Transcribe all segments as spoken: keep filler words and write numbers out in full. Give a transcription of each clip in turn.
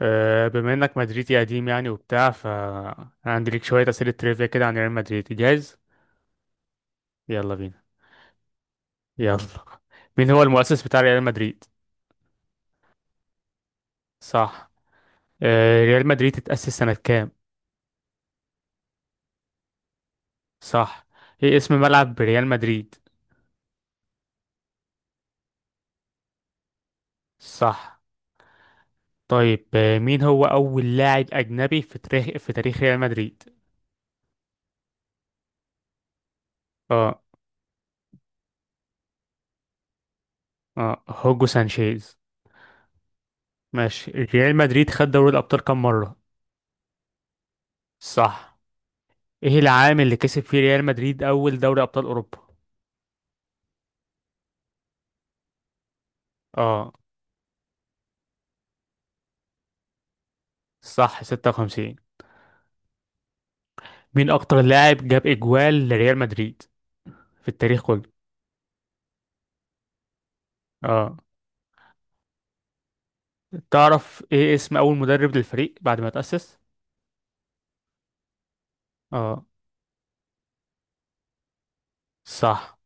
آه، بما انك مدريدي قديم يعني وبتاع ف عندي ليك شويه اسئله تريفيا كده عن ريال مدريد. جاهز؟ يلا بينا. يلا، مين هو المؤسس بتاع ريال مدريد؟ صح. آه، ريال مدريد اتأسس سنه كام؟ صح. ايه اسم ملعب ريال مدريد؟ صح. طيب، آه، مين هو اول لاعب اجنبي في تاريخ في تاريخ ريال مدريد؟ اه، اه هوجو سانشيز. ماشي، ريال مدريد خد دوري الابطال كام مره؟ صح. ايه العام اللي كسب فيه ريال مدريد اول دوري ابطال اوروبا؟ اه، صح ستة وخمسين. مين اكتر لاعب جاب اجوال لريال مدريد في التاريخ كله؟ اه. تعرف ايه اسم اول مدرب للفريق بعد ما تأسس؟ اه، صح.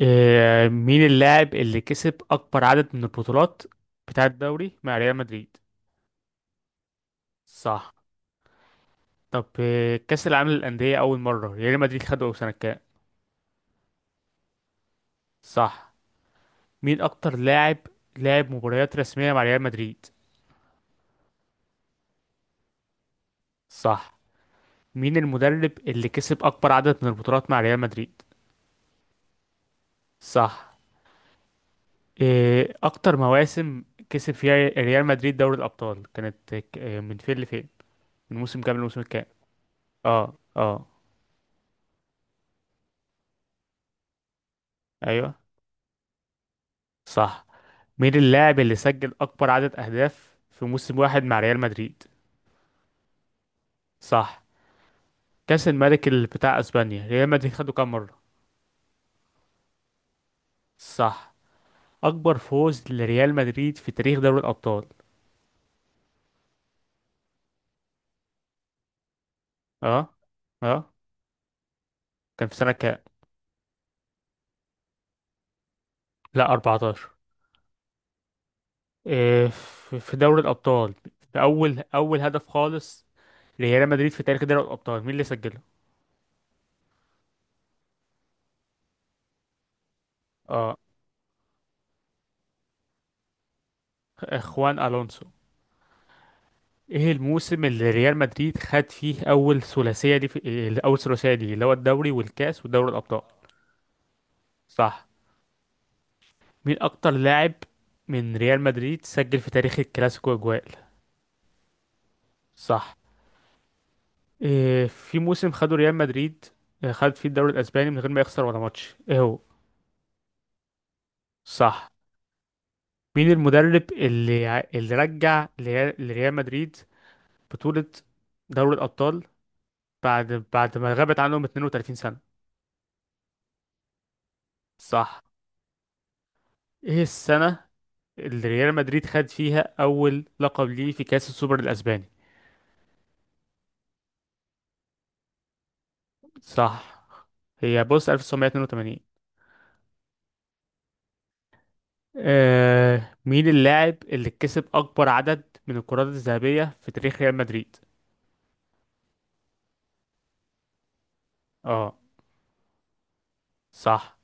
إيه، مين اللاعب اللي كسب اكبر عدد من البطولات بتاع الدوري مع ريال مدريد؟ صح. طب إيه، كأس العالم للأندية اول مرة ريال مدريد خده سنة كام؟ صح. مين اكتر لاعب لعب مباريات رسمية مع ريال مدريد؟ صح. مين المدرب اللي كسب اكبر عدد من البطولات مع ريال مدريد؟ صح. إيه اكتر مواسم كسب فيها ريال مدريد دوري الابطال؟ كانت إيه، من فين لفين؟ من موسم كام لموسم كام؟ اه، اه، ايوه، صح. مين اللاعب اللي سجل اكبر عدد اهداف في موسم واحد مع ريال مدريد؟ صح. كاس الملك اللي بتاع اسبانيا ريال مدريد خده كام مره؟ صح. اكبر فوز لريال مدريد في تاريخ دوري الابطال؟ اه، اه، كان في سنه كام؟ لا اربعتاشر. إيه، في في دوري الابطال، في اول اول هدف خالص ريال مدريد في تاريخ دوري الأبطال، مين اللي سجله؟ اه، خوان ألونسو. ايه الموسم اللي ريال مدريد خد فيه أول ثلاثية؟ دي في إيه، أول ثلاثية دي اللي هو الدوري والكاس ودوري الأبطال؟ صح. مين أكتر لاعب من ريال مدريد سجل في تاريخ الكلاسيكو أجوال؟ صح. إيه، في موسم خده ريال مدريد آه، خد فيه الدوري الأسباني من غير ما يخسر ولا ماتش؟ ايه هو؟ صح. مين المدرب اللي ع- اللي رجع لريال لريال مدريد بطولة دوري الأبطال بعد بعد ما غابت عنهم اتنين وتلاتين سنة؟ صح. ايه السنة اللي ريال مدريد خد فيها أول لقب ليه في كأس السوبر الأسباني؟ صح. هي بص ألف وتسعمية اتنين وتمانين. آه، مين اللاعب اللي كسب أكبر عدد من الكرات الذهبية في تاريخ ريال مدريد؟ اه، صح.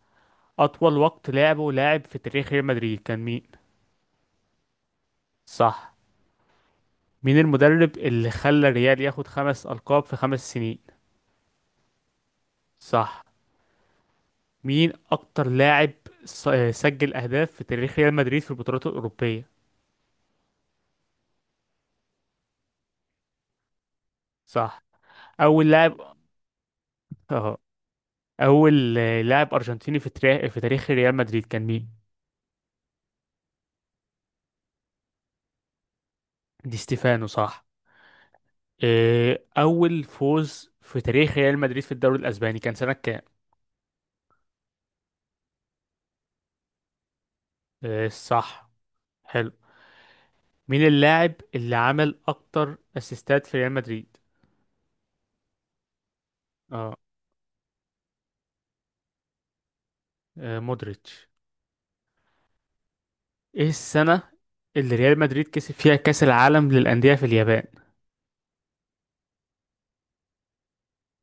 أطول وقت لعبه لاعب في تاريخ ريال مدريد كان مين؟ صح. مين المدرب اللي خلى الريال ياخد خمس ألقاب في خمس سنين؟ صح. مين اكتر لاعب ص- آه، سجل اهداف في تاريخ ريال مدريد في البطولات الاوروبيه؟ صح. اول لاعب، اه، اول آه، لاعب ارجنتيني في تاريخ في تاريخ ريال مدريد كان مين؟ دي ستيفانو، صح. آه، اول فوز في تاريخ ريال مدريد في الدوري الاسباني كان سنه كام؟ آه، صح. حلو، مين اللاعب اللي عمل اكتر اسيستات في ريال مدريد؟ اه، آه، مودريتش. ايه السنه اللي ريال مدريد كسب فيها كاس العالم للانديه في اليابان؟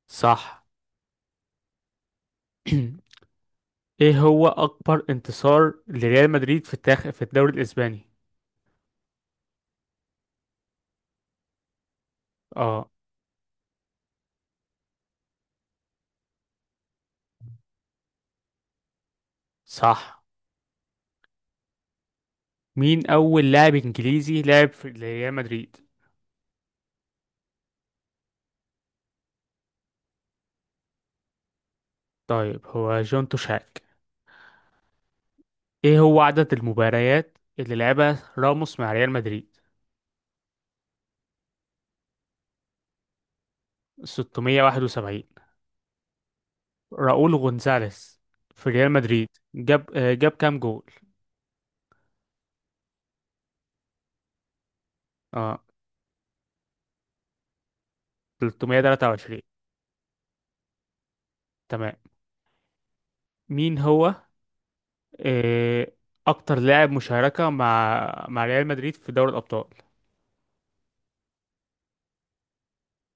صح. ايه هو اكبر انتصار لريال مدريد في التاخ... في الدوري الاسباني؟ اه، صح. مين اول لاعب انجليزي لعب في ريال مدريد؟ طيب، هو جون توشاك. ايه هو عدد المباريات اللي لعبها راموس مع ريال مدريد؟ ستمية وواحد وسبعين. راؤول غونزاليس في ريال مدريد جاب آه، جاب كام جول؟ اه، تلتمية وتلاتة وعشرين. تمام. مين هو آه، اكتر لاعب مشاركة مع مع ريال مدريد في دوري الابطال؟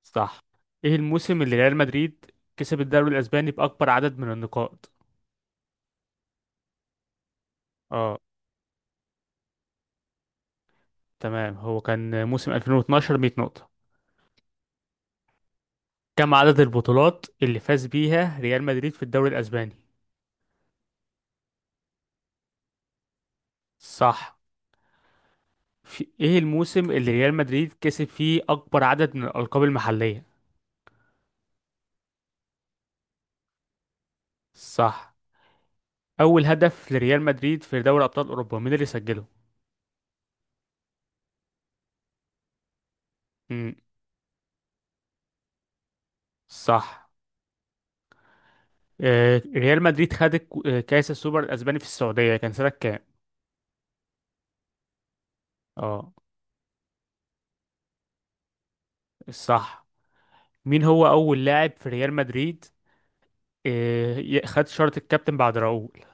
صح. ايه الموسم اللي ريال مدريد كسب الدوري الاسباني باكبر عدد من النقاط؟ اه، تمام، هو كان موسم ألفين واتناشر، مية نقطة. كم عدد البطولات اللي فاز بيها ريال مدريد في الدوري الاسباني؟ صح. في ايه الموسم اللي ريال مدريد كسب فيه اكبر عدد من الالقاب المحلية؟ صح. اول هدف لريال مدريد في دوري ابطال اوروبا مين اللي سجله؟ امم صح. آه، ريال مدريد خد الك- آه، كاس السوبر الاسباني في السعودية كان سنة كام؟ اه، صح. مين هو أول لاعب في ريال مدريد آه، ي- خد شارة الكابتن بعد راؤول؟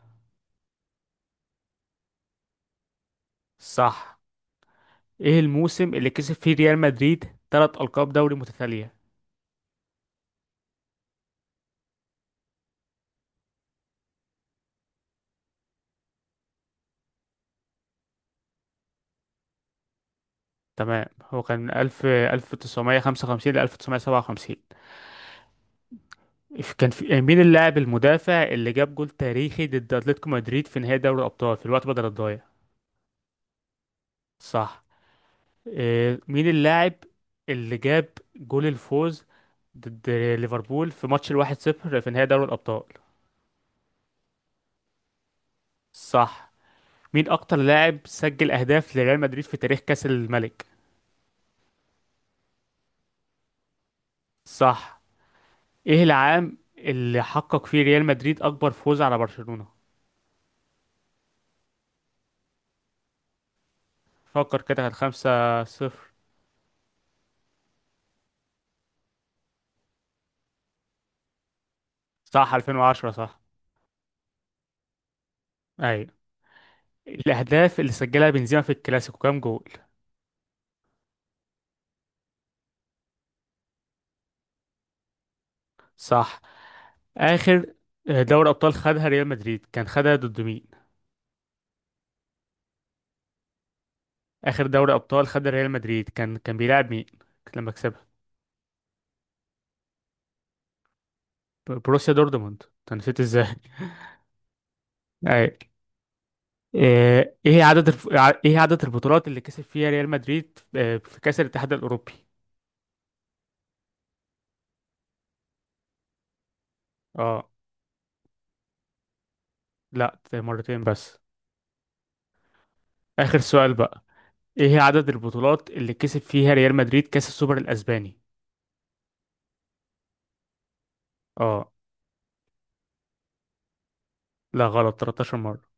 صح. إيه الموسم اللي كسب فيه ريال مدريد تلات ألقاب دوري متتالية؟ تمام، هو كان ألف ألف تسعمية خمسة وخمسين لألف تسعمية سبعة وخمسين. إف- كان في، آه، مين اللاعب المدافع اللي جاب جول تاريخي ضد أتلتيكو مدريد في نهائي دوري الأبطال في الوقت بدل الضايع؟ صح. آه، مين اللاعب اللي جاب جول الفوز ضد ليفربول في ماتش الواحد صفر في نهائي دوري الأبطال؟ صح. مين أكتر لاعب سجل أهداف لريال مدريد في تاريخ كأس الملك؟ صح. إيه العام اللي حقق فيه ريال مدريد أكبر فوز على برشلونة؟ فكر كده، كانت خمسة صفر. صح، ألفين وعشرة، صح. أيوة. الأهداف اللي سجلها بنزيما في الكلاسيكو كام جول؟ صح. آخر، آه، دوري أبطال خدها ريال مدريد كان خدها ضد مين؟ آخر دوري أبطال خدها ريال مدريد كان كان بيلعب مين لما كسبها؟ بروسيا دورتموند، أنت نسيت إزاي؟ أيوة. آه، ايه هي عدد الف... ع- ايه هي عدد البطولات اللي كسب فيها ريال مدريد آه، في كأس الاتحاد الأوروبي؟ اه، لا مرتين بس. آخر سؤال بقى، ايه هي عدد البطولات اللي كسب فيها ريال مدريد كأس السوبر الأسباني؟ اه، لا غلط ثلاثة عشر مرة.